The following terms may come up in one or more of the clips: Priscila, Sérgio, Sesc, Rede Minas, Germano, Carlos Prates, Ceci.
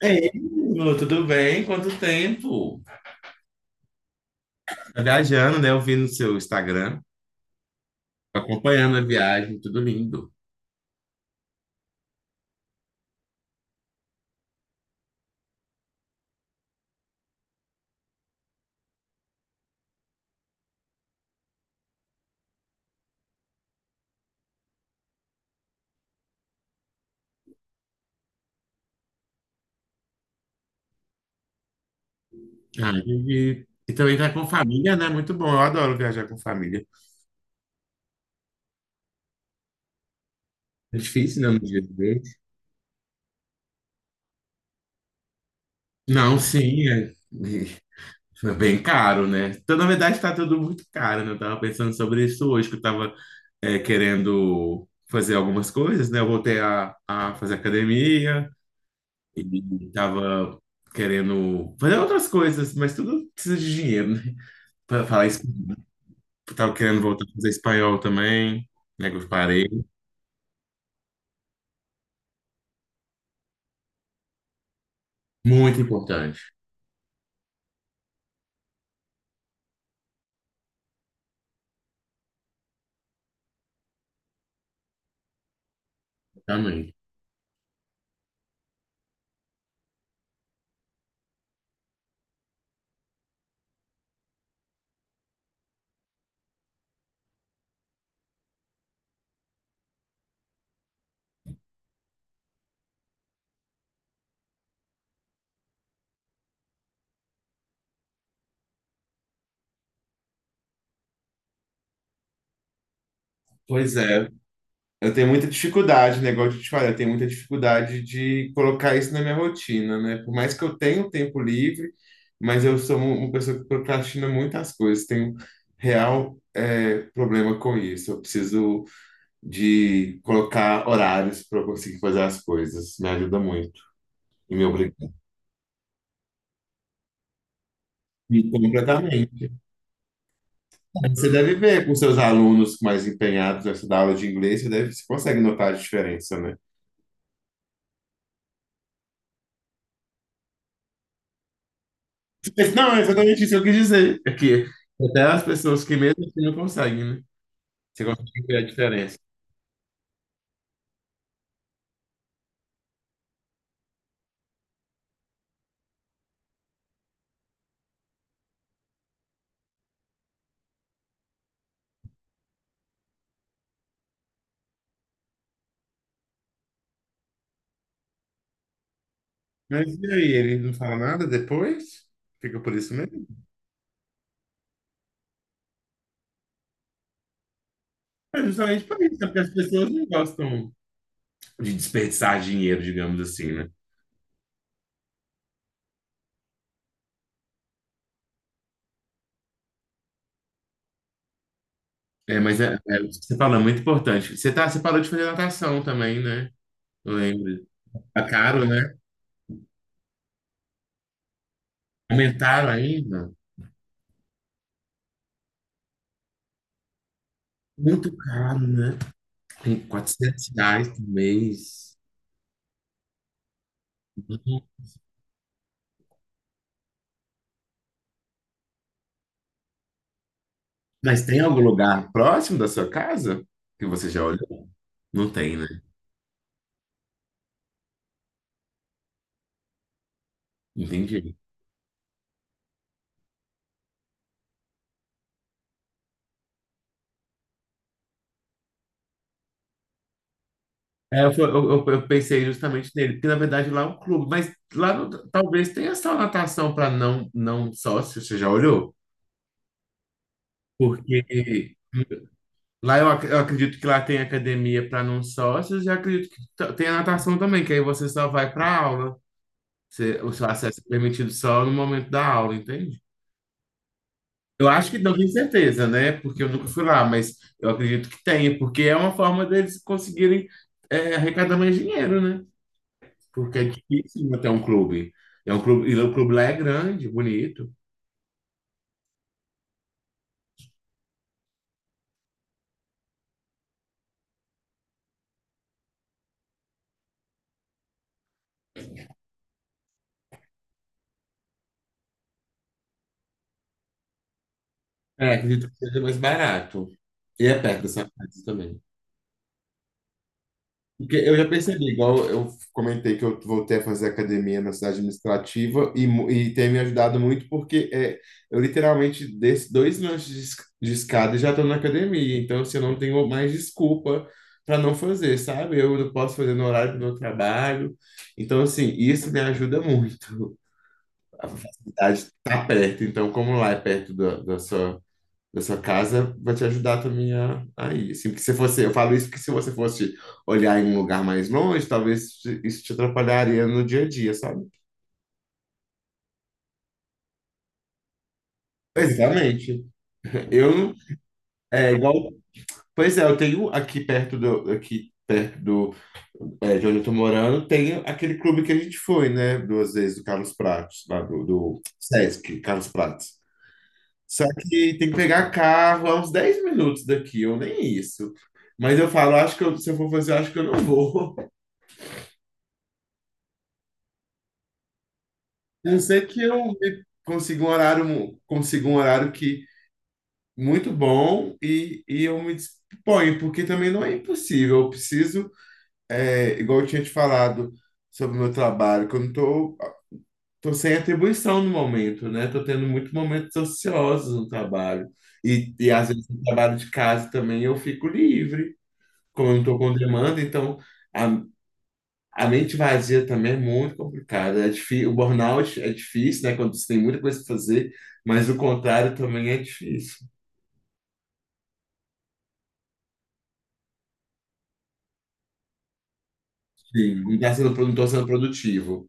Ei, Lu, tudo bem? Quanto tempo? Tá viajando, né? Eu vi no seu Instagram, acompanhando a viagem, tudo lindo. Ah, e também tá com família, né? Muito bom, eu adoro viajar com família. É difícil, né? Nos dias de hoje. Não, sim, é bem caro, né? Então, na verdade, tá tudo muito caro, né? Eu tava pensando sobre isso hoje, que eu tava querendo fazer algumas coisas, né? Eu voltei a fazer academia, Ele tava querendo fazer outras coisas, mas tudo precisa de dinheiro, né? Para falar isso, tava querendo voltar a fazer espanhol também, né? Que eu parei. Muito importante, também. Pois é, eu tenho muita dificuldade, negócio de te falar, eu tenho muita dificuldade de colocar isso na minha rotina, né? Por mais que eu tenha tempo livre, mas eu sou uma pessoa que procrastina muitas coisas, tenho real, problema com isso. Eu preciso de colocar horários para eu conseguir fazer as coisas. Me ajuda muito e me obriga e completamente. Você deve ver com seus alunos mais empenhados nessa da aula de inglês, você deve, você consegue notar a diferença, né? Mas não, é exatamente isso que eu quis dizer. É que até as pessoas que mesmo assim não conseguem, né? Você consegue ver a diferença. Mas e aí, ele não fala nada depois? Fica por isso mesmo? É justamente por isso, né? Porque as pessoas não gostam de desperdiçar dinheiro, digamos assim, né? É, mas é, isso que você falou, é muito importante. Você tá, você parou de fazer natação também, né? Eu lembro. Tá caro, né? Aumentaram ainda? Muito caro, né? Tem R$ 400 por mês. Uhum. Mas tem algum lugar próximo da sua casa que você já olhou? Não tem, né? Entendi. É, eu, fui- eu pensei justamente nele, porque na verdade lá é um clube, mas lá talvez tenha só natação para não, não sócio, você já olhou? Porque lá eu acredito que lá tem academia para não sócios e acredito que tem a natação também, que aí você só vai para aula. O seu acesso é permitido só no momento da aula, entende? Eu acho que não tenho certeza, né? Porque eu nunca fui lá, mas eu acredito que tenha, porque é uma forma deles conseguirem arrecadar mais dinheiro, né? Porque é difícil manter um clube. É um clube, e o clube lá é grande, bonito. É, acredito que seja mais barato. E é perto da sua casa também. Porque eu já percebi, igual eu comentei que eu voltei a fazer academia na cidade administrativa e tem me ajudado muito porque eu literalmente desço dois lanches de escada e já estou na academia. Então, assim, eu não tenho mais desculpa para não fazer, sabe? Eu não posso fazer no horário do meu trabalho. Então, assim, isso me ajuda muito. A facilidade está perto. Então, como lá é perto da sua casa vai te ajudar também a ir. Assim, porque se fosse, eu falo isso porque se você fosse olhar em um lugar mais longe, talvez isso te atrapalharia no dia a dia, sabe? Exatamente. Eu é igual. Pois é, eu tenho aqui perto do de onde eu tô morando, tem aquele clube que a gente foi, né? Duas vezes do Carlos Prates, lá do Sesc, Carlos Prates. Só que tem que pegar carro a uns 10 minutos daqui, ou nem isso. Mas eu falo, acho que se eu for fazer, eu acho que eu não vou. A não ser que eu consiga um horário que muito bom e eu me disponho, porque também não é impossível. Eu preciso, igual eu tinha te falado sobre o meu trabalho, que eu tô sem atribuição no momento, né? Tô tendo muitos momentos ociosos no trabalho. E às vezes no trabalho de casa também eu fico livre, como eu não tô com demanda, então a, a mente vazia também é muito complicada. O burnout é difícil, né? Quando você tem muita coisa para fazer, mas o contrário também é difícil. Sim, não tá sendo, não tô sendo produtivo.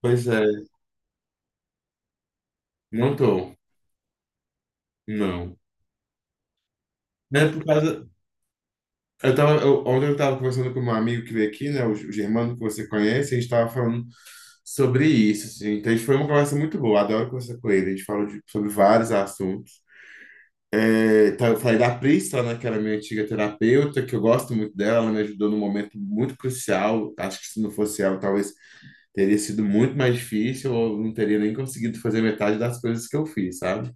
Pois é, não tô, não. É por causa. Ontem eu estava conversando com um amigo que veio aqui, né? O Germano, que você conhece, a gente estava falando sobre isso, assim. Então, a gente foi uma conversa muito boa, adoro conversar com ele. A gente falou sobre vários assuntos. É, tá, eu falei da Priscila, né, que era minha antiga terapeuta, que eu gosto muito dela, ela me ajudou num momento muito crucial. Acho que se não fosse ela, talvez teria sido muito mais difícil, ou não teria nem conseguido fazer metade das coisas que eu fiz, sabe?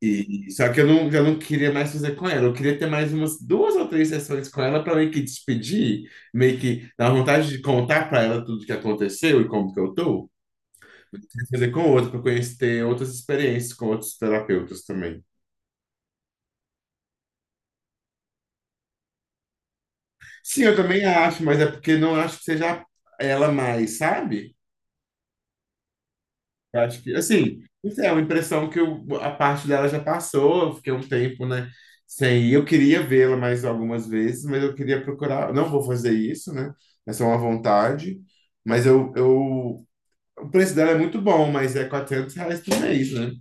E só que eu não queria mais fazer com ela. Eu queria ter mais umas duas ou três sessões com ela para meio que despedir, meio que dar vontade de contar para ela tudo que aconteceu e como que eu tô. Fazer com outra, para conhecer ter outras experiências com outros terapeutas também. Sim, eu também acho, mas é porque não acho que seja ela mais, sabe? Eu acho que, assim, não sei, é uma impressão que a parte dela já passou, eu fiquei um tempo, né, sem ir. Eu queria vê-la mais algumas vezes, mas eu queria procurar. Não vou fazer isso, né? Essa é só uma vontade. Mas eu, o preço dela é muito bom, mas é R$ 400 por mês, né?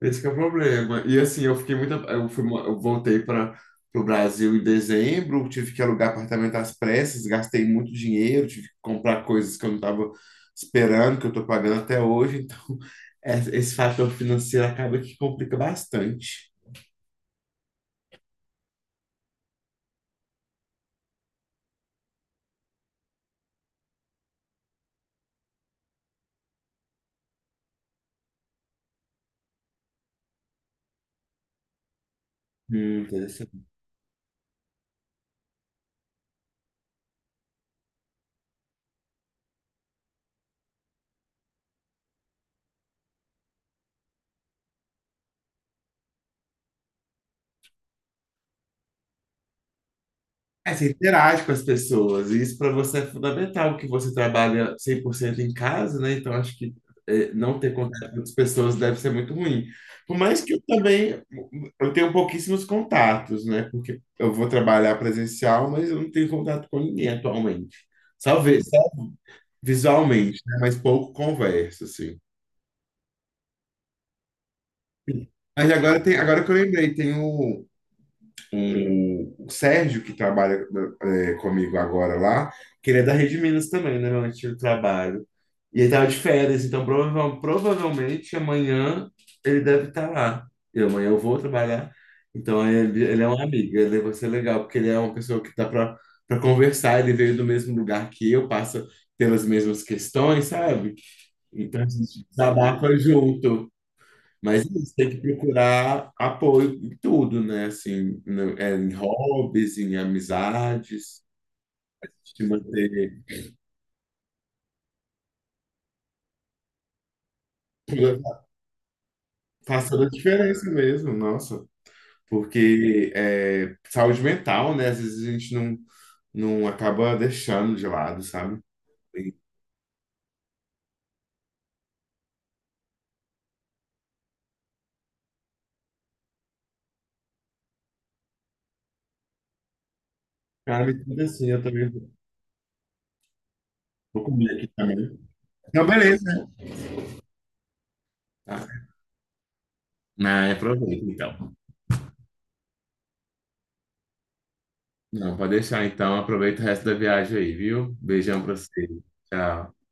Esse que é o problema. E assim, eu fiquei muito. Eu voltei para o Brasil em dezembro, tive que alugar apartamento às pressas, gastei muito dinheiro, tive que comprar coisas que eu não estava esperando, que eu estou pagando até hoje. Então, esse fator financeiro acaba que complica bastante. Hum, É, você interage com as pessoas, e isso para você é fundamental, que você trabalha 100% em casa, né? Então, acho que não ter contato com as pessoas deve ser muito ruim. Por mais que eu também, eu tenho pouquíssimos contatos, né? Porque eu vou trabalhar presencial, mas eu não tenho contato com ninguém atualmente. Só visualmente, né? Mas pouco converso, assim. Mas agora que eu lembrei, tem o Sérgio, que trabalha comigo agora lá, que ele é da Rede Minas também, né, meu antigo trabalho. E ele tava de férias, então provavelmente amanhã ele deve estar lá. E amanhã eu vou trabalhar. Então ele é um amigo, ele vai ser legal, porque ele é uma pessoa que dá para conversar, ele veio do mesmo lugar que eu, passa pelas mesmas questões, sabe? Então a gente desabafa junto. Mas isso, tem que procurar apoio em tudo, né? Assim, em hobbies, em amizades, te manter. Faz toda a diferença mesmo, nossa. Porque é, saúde mental, né? Às vezes a gente não, não acaba deixando de lado, sabe? E, cara, me tudo assim, eu também vou comer aqui também. Então, beleza. Ah, ah, aproveita então. Não, pode deixar então. Aproveita o resto da viagem aí, viu? Beijão pra você. Tchau.